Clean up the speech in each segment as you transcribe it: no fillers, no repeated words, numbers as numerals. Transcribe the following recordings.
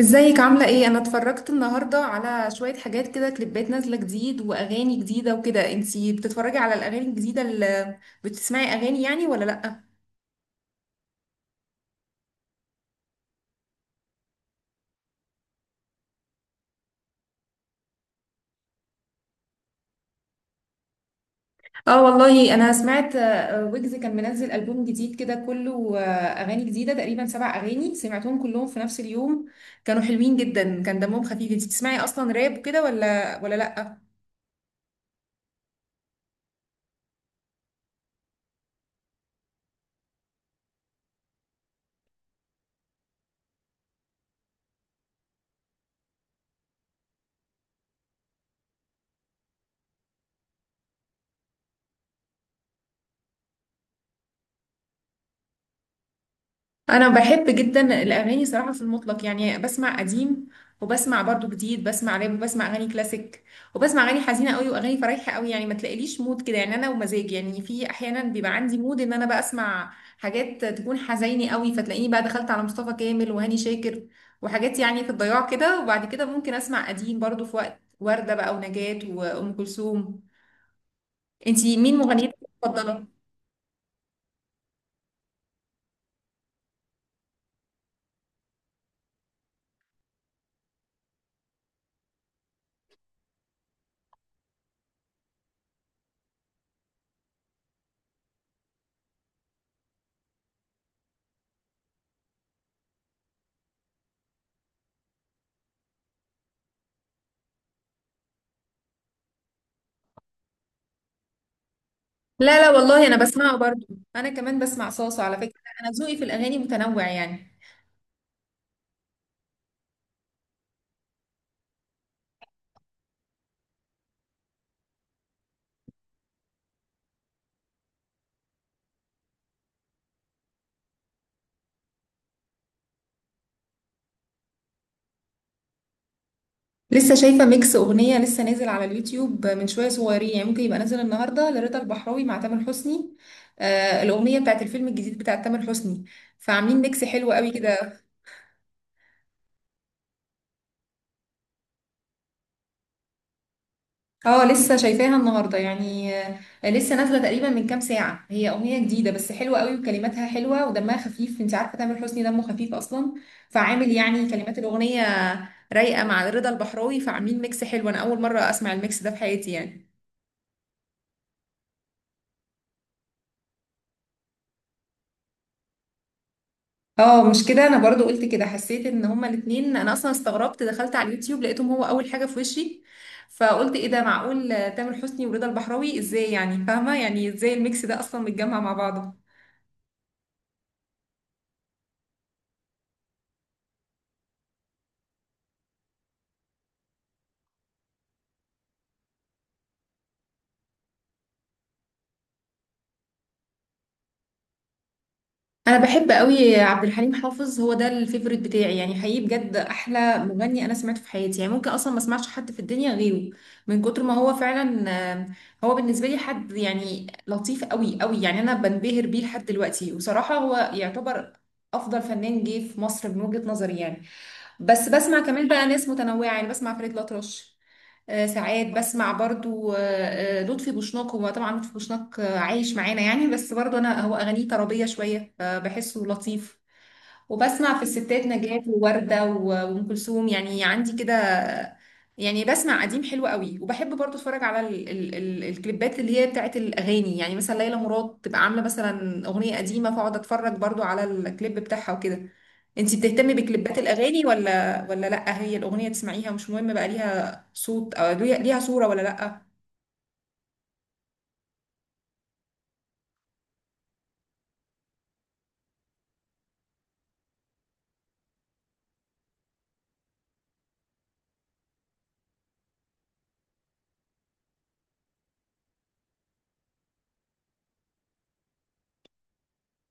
ازيك، عاملة ايه؟ انا اتفرجت النهاردة على شوية حاجات كده، كليبات نازلة جديد واغاني جديدة وكده. انتي بتتفرجي على الاغاني الجديدة، اللي بتسمعي اغاني يعني ولا لأ؟ اه والله انا سمعت، ويجز كان منزل ألبوم جديد كده كله، اغاني جديدة تقريبا سبع اغاني، سمعتهم كلهم في نفس اليوم. كانوا حلوين جدا، كان دمهم خفيف. انتي بتسمعي اصلا راب كده، ولا لأ؟ انا بحب جدا الاغاني صراحه، في المطلق يعني. بسمع قديم وبسمع برضو جديد، بسمع راب وبسمع اغاني كلاسيك وبسمع اغاني حزينه قوي واغاني فرايحه قوي. يعني ما تلاقيليش مود كده يعني، انا ومزاج يعني، في احيانا بيبقى عندي مود ان انا بقى اسمع حاجات تكون حزيني قوي، فتلاقيني بقى دخلت على مصطفى كامل وهاني شاكر، وحاجات يعني في الضياع كده. وبعد كده ممكن اسمع قديم برضو، في وقت ورده بقى ونجاة وام كلثوم. انتي مين مغنيتك المفضله؟ لا لا والله انا بسمعه برضو. انا كمان بسمع صاصة على فكرة، انا ذوقي في الاغاني متنوع يعني. لسه شايفة ميكس اغنية لسه نازل على اليوتيوب من شوية صغيرين، يعني ممكن يبقى نازل النهاردة، لرضا البحراوي مع تامر حسني. آه الاغنية بتاعت الفيلم الجديد بتاع تامر حسني، فعاملين ميكس حلو قوي كده. اه لسه شايفاها النهارده يعني، لسه نازله تقريبا من كام ساعه. هي اغنيه جديده بس حلوه قوي، وكلماتها حلوه ودمها خفيف. انت عارفه تامر حسني دمه خفيف اصلا، فعامل يعني كلمات الاغنيه رايقه مع رضا البحراوي، فعاملين ميكس حلو. انا اول مره اسمع الميكس ده في حياتي يعني. اه مش كده، انا برضو قلت كده، حسيت ان هما الاتنين. انا اصلا استغربت، دخلت على اليوتيوب لقيتهم، هو اول حاجه في وشي. فقلت ايه ده؟ معقول تامر حسني ورضا البحراوي؟ ازاي يعني، فاهمه؟ يعني ازاي الميكس ده اصلا متجمع مع بعضه. انا بحب قوي عبد الحليم حافظ، هو ده الفيفوريت بتاعي يعني، حقيقي بجد احلى مغني انا سمعته في حياتي يعني. ممكن اصلا ما اسمعش حد في الدنيا غيره من كتر ما هو فعلا. هو بالنسبه لي حد يعني لطيف قوي قوي يعني، انا بنبهر بيه لحد دلوقتي. وصراحه هو يعتبر افضل فنان جه في مصر من وجهه نظري يعني. بس بسمع كمان بقى ناس متنوعه يعني، بسمع فريد الأطرش. ساعات بسمع برضو لطفي بوشناق. هو طبعا لطفي بوشناق عايش معانا يعني، بس برضو انا هو اغانيه طربيه شويه فبحسه لطيف. وبسمع في الستات نجاة ووردة وأم كلثوم يعني، عندي كده. يعني بسمع قديم حلو قوي، وبحب برضو اتفرج على ال ال ال الكليبات اللي هي بتاعت الأغاني. يعني مثلا ليلى مراد تبقى عاملة مثلا أغنية قديمة، فاقعد اتفرج برضو على الكليب بتاعها وكده. انتي بتهتمي بكليبات الأغاني ولا لأ؟ هي الأغنية تسمعيها مش مهم بقى، ليها صوت أو ليها صورة ولا لأ؟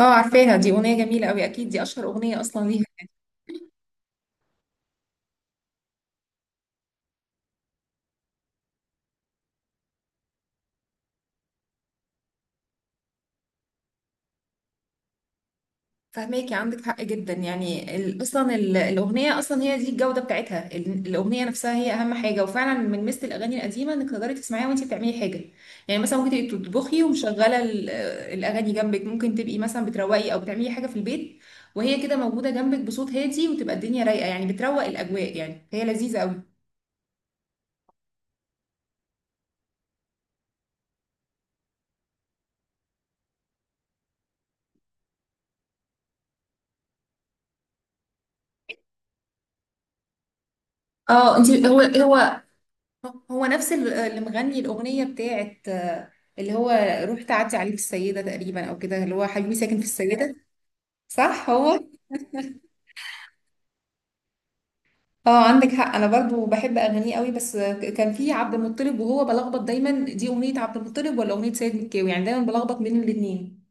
اه عارفاها، دي أغنية جميلة قوي، أكيد دي أشهر أغنية أصلا ليها. فهماكي عندك حق جدا يعني، اصلا الاغنيه اصلا هي دي الجوده بتاعتها، الاغنيه نفسها هي اهم حاجه. وفعلا من مثل الاغاني القديمه انك تقدري تسمعيها وانت بتعملي حاجه. يعني مثلا ممكن تبقي بتطبخي ومشغله الاغاني جنبك، ممكن تبقي مثلا بتروقي او بتعملي حاجه في البيت وهي كده موجوده جنبك بصوت هادي، وتبقى الدنيا رايقه يعني، بتروق الاجواء يعني، هي لذيذه قوي. اه انت، هو نفس اللي مغني الاغنيه بتاعت، اللي هو روح تعدي عليه في السيده تقريبا او كده، اللي هو حبيبي ساكن في السيده. صح هو. اه عندك حق، انا برضو بحب اغانيه قوي، بس كان في عبد المطلب وهو بلخبط دايما، دي اغنيه عبد المطلب ولا اغنيه سيد مكاوي؟ يعني دايما بلخبط بين الاثنين.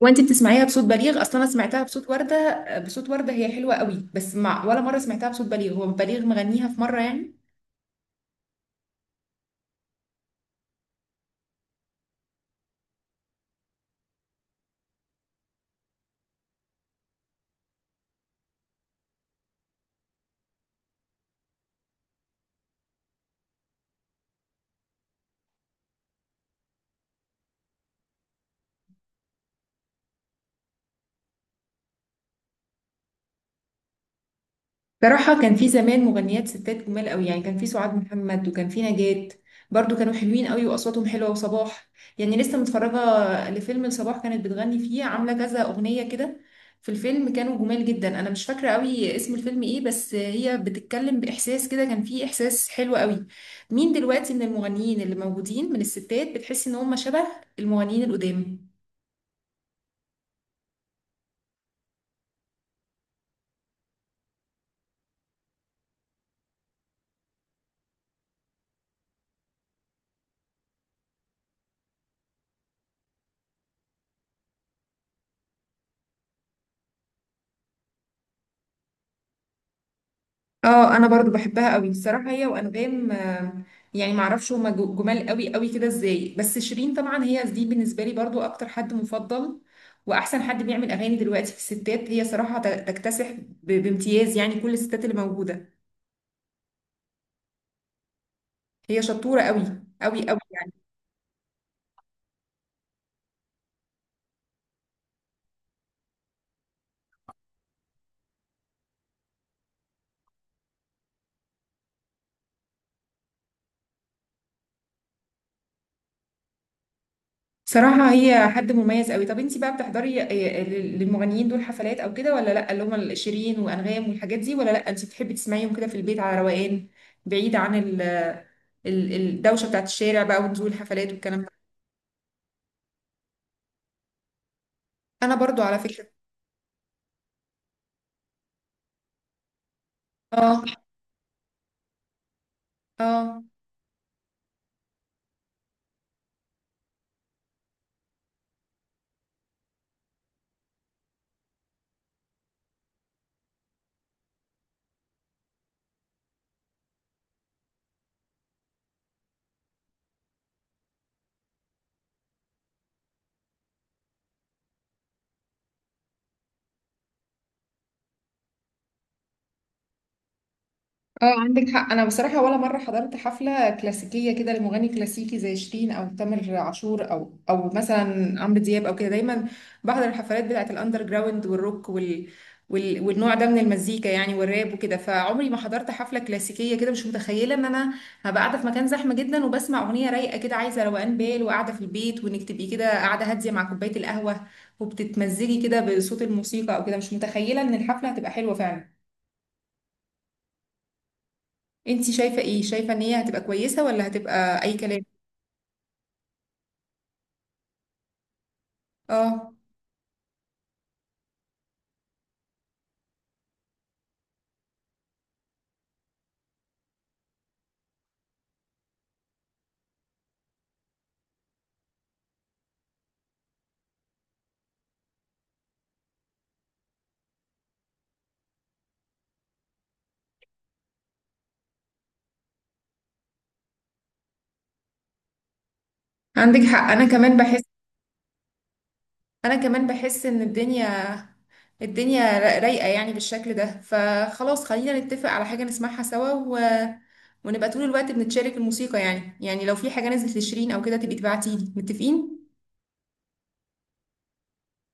وانت بتسمعيها بصوت بليغ اصلا؟ انا سمعتها بصوت ورده، بصوت ورده هي حلوه قوي، بس مع ولا مره سمعتها بصوت بليغ. هو بليغ مغنيها في مره يعني؟ صراحة كان في زمان مغنيات ستات جمال قوي يعني، كان في سعاد محمد وكان في نجاة برضو، كانوا حلوين قوي واصواتهم حلوة وصباح. يعني لسه متفرجة لفيلم لصباح كانت بتغني فيه، عاملة كذا اغنية كده في الفيلم، كانوا جمال جدا. انا مش فاكرة قوي اسم الفيلم ايه، بس هي بتتكلم باحساس كده، كان فيه احساس حلو قوي. مين دلوقتي من المغنيين اللي موجودين من الستات بتحس ان هم شبه المغنيين القدام؟ اه انا برضو بحبها قوي الصراحه، هي وانغام، يعني معرفش هما جمال قوي قوي كده ازاي. بس شيرين طبعا هي دي بالنسبه لي برضو اكتر حد مفضل، واحسن حد بيعمل اغاني دلوقتي في الستات، هي صراحه تكتسح بامتياز يعني كل الستات اللي موجوده، هي شطوره قوي قوي قوي. صراحة هي حد مميز قوي. طب انتي بقى بتحضري للمغنيين دول حفلات او كده، ولا لا؟ اللي هم شيرين وانغام والحاجات دي، ولا لا؟ انتي بتحبي تسمعيهم كده في البيت على روقان بعيد عن الدوشة بتاعت الشارع بقى، ونزول الحفلات والكلام ده؟ انا برضو على فكرة. اه، اه، اه، عندك حق. انا بصراحه ولا مره حضرت حفله كلاسيكيه كده لمغني كلاسيكي زي شيرين او تامر عاشور، او مثلا عمرو دياب او كده. دايما بحضر الحفلات بتاعه الاندر جراوند والروك والنوع ده من المزيكا يعني، والراب وكده. فعمري ما حضرت حفله كلاسيكيه كده، مش متخيله ان انا هبقى قاعده في مكان زحمه جدا وبسمع اغنيه رايقه كده عايزه روقان بال، وقاعده في البيت. وانك تبقي كده قاعده هاديه مع كوبايه القهوه وبتتمزجي كده بصوت الموسيقى او كده، مش متخيله ان الحفله هتبقى حلوه فعلا. انتي شايفة ايه؟ شايفة ان هي هتبقى كويسة ولا هتبقى اي كلام؟ اه عندك حق. انا كمان بحس ان الدنيا رايقة يعني بالشكل ده. فخلاص خلينا نتفق على حاجة نسمعها سوا ونبقى طول الوقت بنتشارك الموسيقى يعني لو في حاجة نزلت لشيرين او كده تبقي تبعتيلي. متفقين.